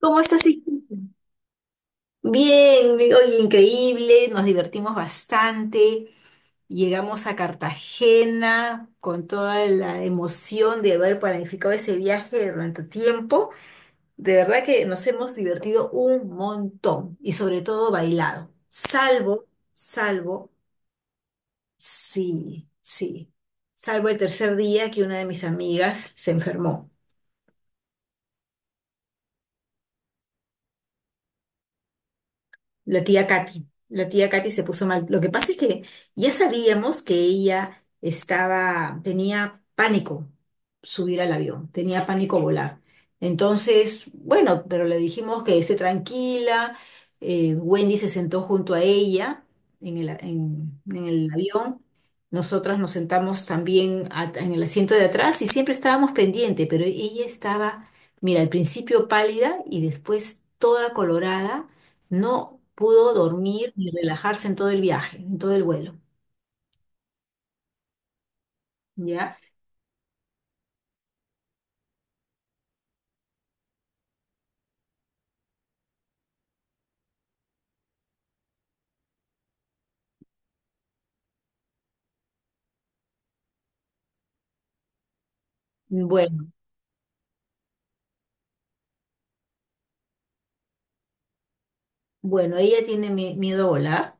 ¿Cómo estás, Vicky? Bien, oye, increíble, nos divertimos bastante. Llegamos a Cartagena con toda la emoción de haber planificado ese viaje durante tiempo. De verdad que nos hemos divertido un montón y sobre todo bailado. Sí, sí, salvo el tercer día que una de mis amigas se enfermó. La tía Katy se puso mal. Lo que pasa es que ya sabíamos que ella tenía pánico subir al avión, tenía pánico volar. Entonces, bueno, pero le dijimos que esté tranquila. Wendy se sentó junto a ella en el avión. Nosotras nos sentamos también en el asiento de atrás y siempre estábamos pendientes, pero ella estaba, mira, al principio pálida y después toda colorada, no pudo dormir ni relajarse en todo el viaje, en todo el vuelo. ¿Ya? Bueno, bueno, ella tiene miedo a volar.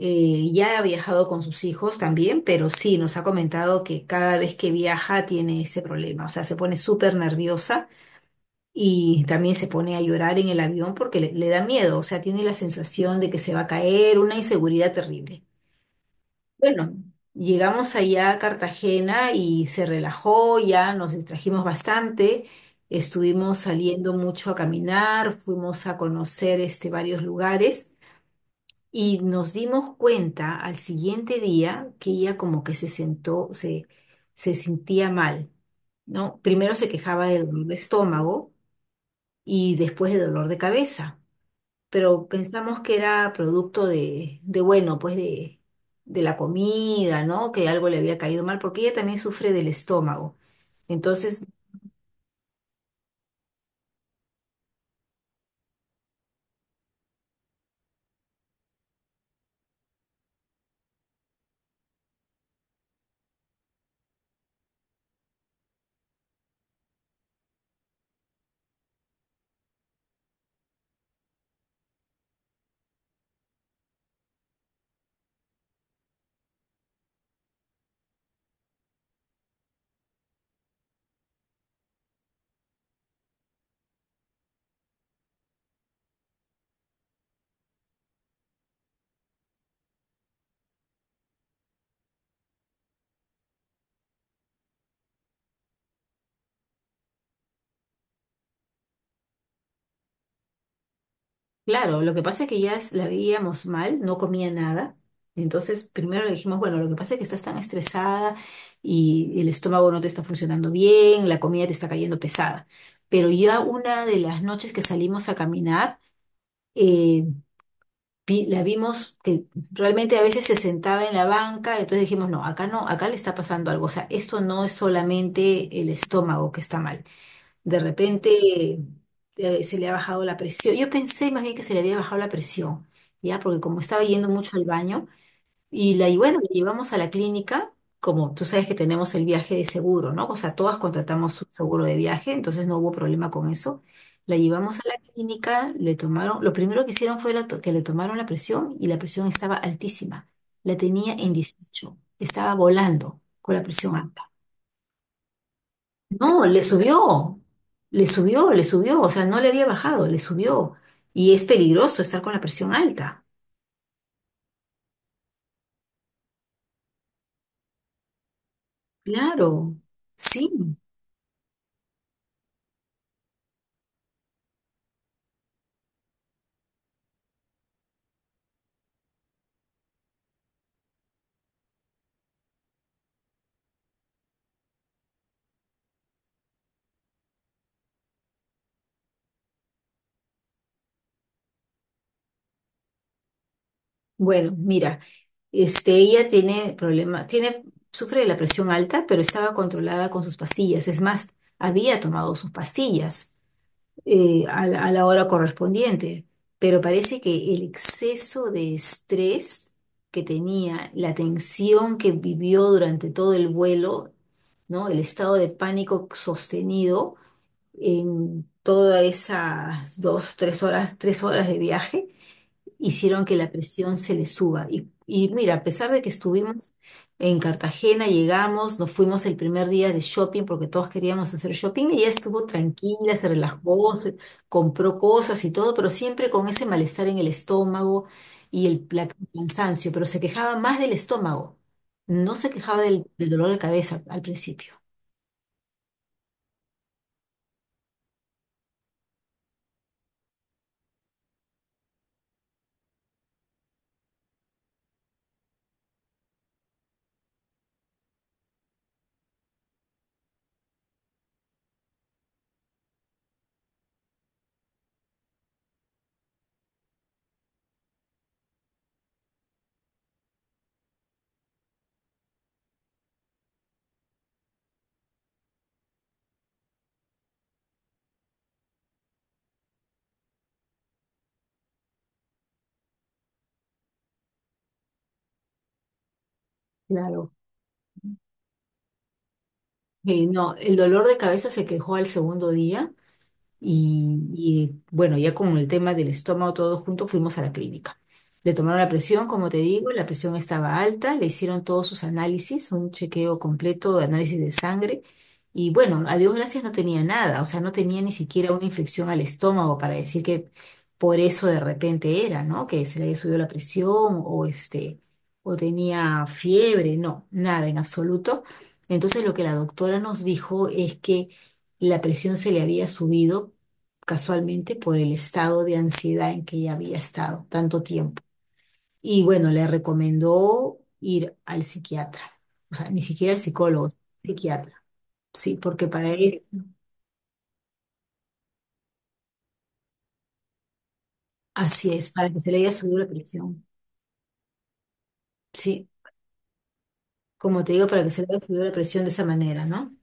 Ya ha viajado con sus hijos también, pero sí nos ha comentado que cada vez que viaja tiene ese problema. O sea, se pone súper nerviosa y también se pone a llorar en el avión porque le da miedo. O sea, tiene la sensación de que se va a caer, una inseguridad terrible. Bueno, llegamos allá a Cartagena y se relajó, ya nos distrajimos bastante, estuvimos saliendo mucho a caminar, fuimos a conocer este, varios lugares y nos dimos cuenta al siguiente día que ella como que se sentó, se sentía mal, ¿no? Primero se quejaba de dolor de estómago y después de dolor de cabeza, pero pensamos que era producto de bueno, pues de la comida, ¿no? Que algo le había caído mal, porque ella también sufre del estómago. Entonces, claro, lo que pasa es que ya la veíamos mal, no comía nada. Entonces, primero le dijimos, bueno, lo que pasa es que estás tan estresada y el estómago no te está funcionando bien, la comida te está cayendo pesada. Pero ya una de las noches que salimos a caminar, eh, la vimos que realmente a veces se sentaba en la banca. Entonces dijimos, no, acá no, acá le está pasando algo, o sea, esto no es solamente el estómago que está mal. De repente se le ha bajado la presión, yo pensé más bien que se le había bajado la presión, ya, porque como estaba yendo mucho al baño, y bueno, la llevamos a la clínica, como tú sabes que tenemos el viaje de seguro, ¿no? O sea, todas contratamos un seguro de viaje, entonces no hubo problema con eso. La llevamos a la clínica, lo primero que hicieron fue que le tomaron la presión, y la presión estaba altísima. La tenía en 18, estaba volando con la presión alta. No, le subió, le subió, le subió, o sea, no le había bajado, le subió. Y es peligroso estar con la presión alta. Claro, sí. Bueno, mira, este, ella sufre de la presión alta, pero estaba controlada con sus pastillas. Es más, había tomado sus pastillas a la hora correspondiente, pero parece que el exceso de estrés que tenía, la tensión que vivió durante todo el vuelo, ¿no? El estado de pánico sostenido en todas esas 2, tres horas de viaje hicieron que la presión se le suba. Y mira, a pesar de que estuvimos en Cartagena, llegamos, nos fuimos el primer día de shopping porque todos queríamos hacer shopping, ella estuvo tranquila, se relajó, compró cosas y todo, pero siempre con ese malestar en el estómago y el cansancio, pero se quejaba más del estómago, no se quejaba del dolor de cabeza al principio. Claro. No, el dolor de cabeza se quejó al segundo día. Y, bueno, ya con el tema del estómago todos juntos fuimos a la clínica. Le tomaron la presión, como te digo, la presión estaba alta, le hicieron todos sus análisis, un chequeo completo de análisis de sangre. Y bueno, a Dios gracias no tenía nada, o sea, no tenía ni siquiera una infección al estómago para decir que por eso de repente era, ¿no? Que se le había subido la presión, o este, o tenía fiebre, no, nada en absoluto. Entonces, lo que la doctora nos dijo es que la presión se le había subido casualmente por el estado de ansiedad en que ella había estado tanto tiempo. Y bueno, le recomendó ir al psiquiatra, o sea, ni siquiera al psicólogo, psiquiatra. Sí, porque para él, así es, para que se le haya subido la presión. Sí, como te digo, para que se le haya subido la presión de esa manera, ¿no?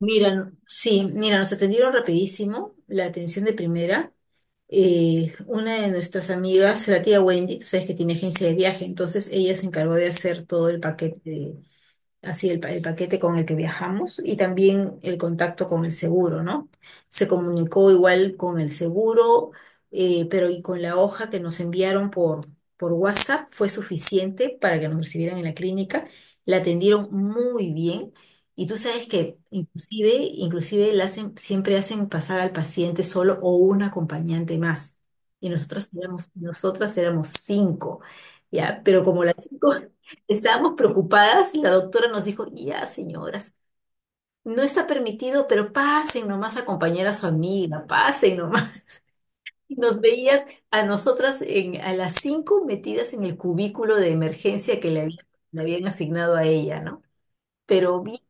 Mira, sí, mira, nos atendieron rapidísimo, la atención de primera. Una de nuestras amigas, la tía Wendy, tú sabes que tiene agencia de viaje, entonces ella se encargó de hacer todo el paquete, así el paquete con el que viajamos, y también el contacto con el seguro, ¿no? Se comunicó igual con el seguro, pero y con la hoja que nos enviaron por WhatsApp fue suficiente para que nos recibieran en la clínica. La atendieron muy bien. Y tú sabes que inclusive la hacen, siempre hacen pasar al paciente solo o un acompañante más. Y nosotras éramos cinco, ¿ya? Pero como las cinco estábamos preocupadas y la doctora nos dijo, ya, señoras, no está permitido, pero pasen nomás a acompañar a su amiga, pasen nomás. Y nos veías a nosotras a las cinco metidas en el cubículo de emergencia que le habían asignado a ella, ¿no? Pero bien,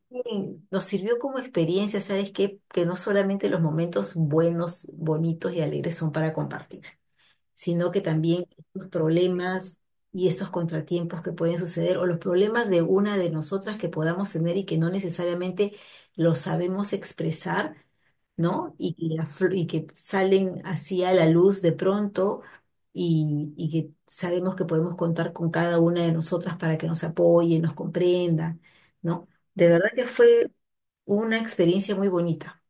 nos sirvió como experiencia, ¿sabes qué? Que no solamente los momentos buenos, bonitos y alegres son para compartir, sino que también los problemas y estos contratiempos que pueden suceder, o los problemas de una de nosotras que podamos tener y que no necesariamente los sabemos expresar, ¿no? Y que salen así a la luz de pronto, y que sabemos que podemos contar con cada una de nosotras para que nos apoye, nos comprenda, ¿no? De verdad que fue una experiencia muy bonita.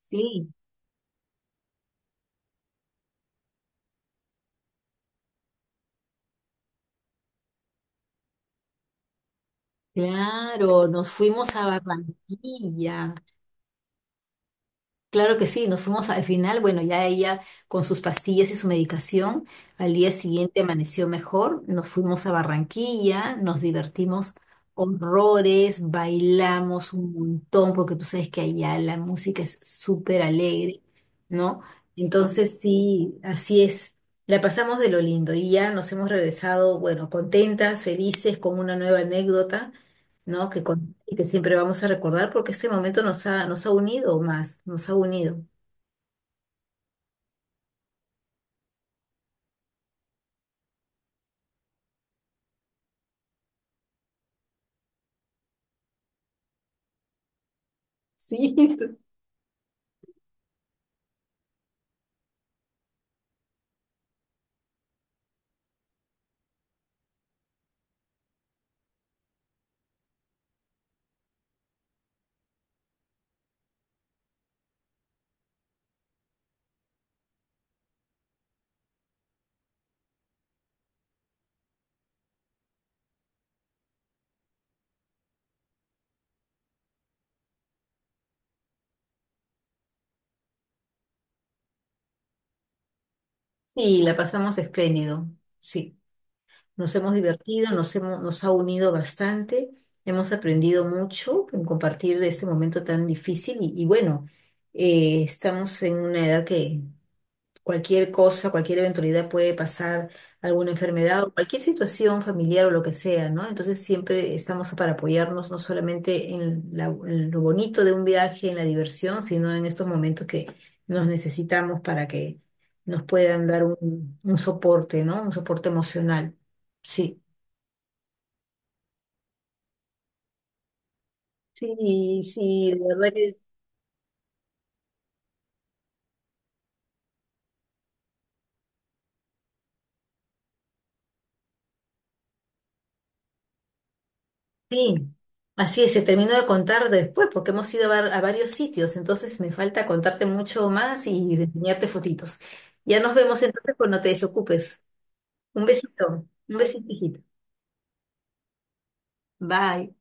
Sí, claro, nos fuimos a Barranquilla. Claro que sí, nos fuimos al final, bueno, ya ella con sus pastillas y su medicación, al día siguiente amaneció mejor, nos fuimos a Barranquilla, nos divertimos horrores, bailamos un montón, porque tú sabes que allá la música es súper alegre, ¿no? Entonces sí, así es, la pasamos de lo lindo y ya nos hemos regresado, bueno, contentas, felices, con una nueva anécdota, ¿no? Que y que siempre vamos a recordar porque este momento nos ha unido más, nos ha unido. Sí. Y la pasamos espléndido, sí. Nos hemos divertido, nos hemos, nos ha unido bastante, hemos aprendido mucho en compartir este momento tan difícil y bueno, estamos en una edad que cualquier cosa, cualquier eventualidad puede pasar, alguna enfermedad o cualquier situación familiar o lo que sea, ¿no? Entonces siempre estamos para apoyarnos no solamente en lo bonito de un viaje, en la diversión, sino en estos momentos que nos necesitamos para que nos puedan dar un soporte, ¿no? Un soporte emocional. Sí. Sí, sí, de verdad. Sí, así es, se terminó de contar después porque hemos ido a varios sitios, entonces me falta contarte mucho más y de enseñarte fotitos. Ya nos vemos entonces cuando te desocupes. Un besito, hijito. Bye.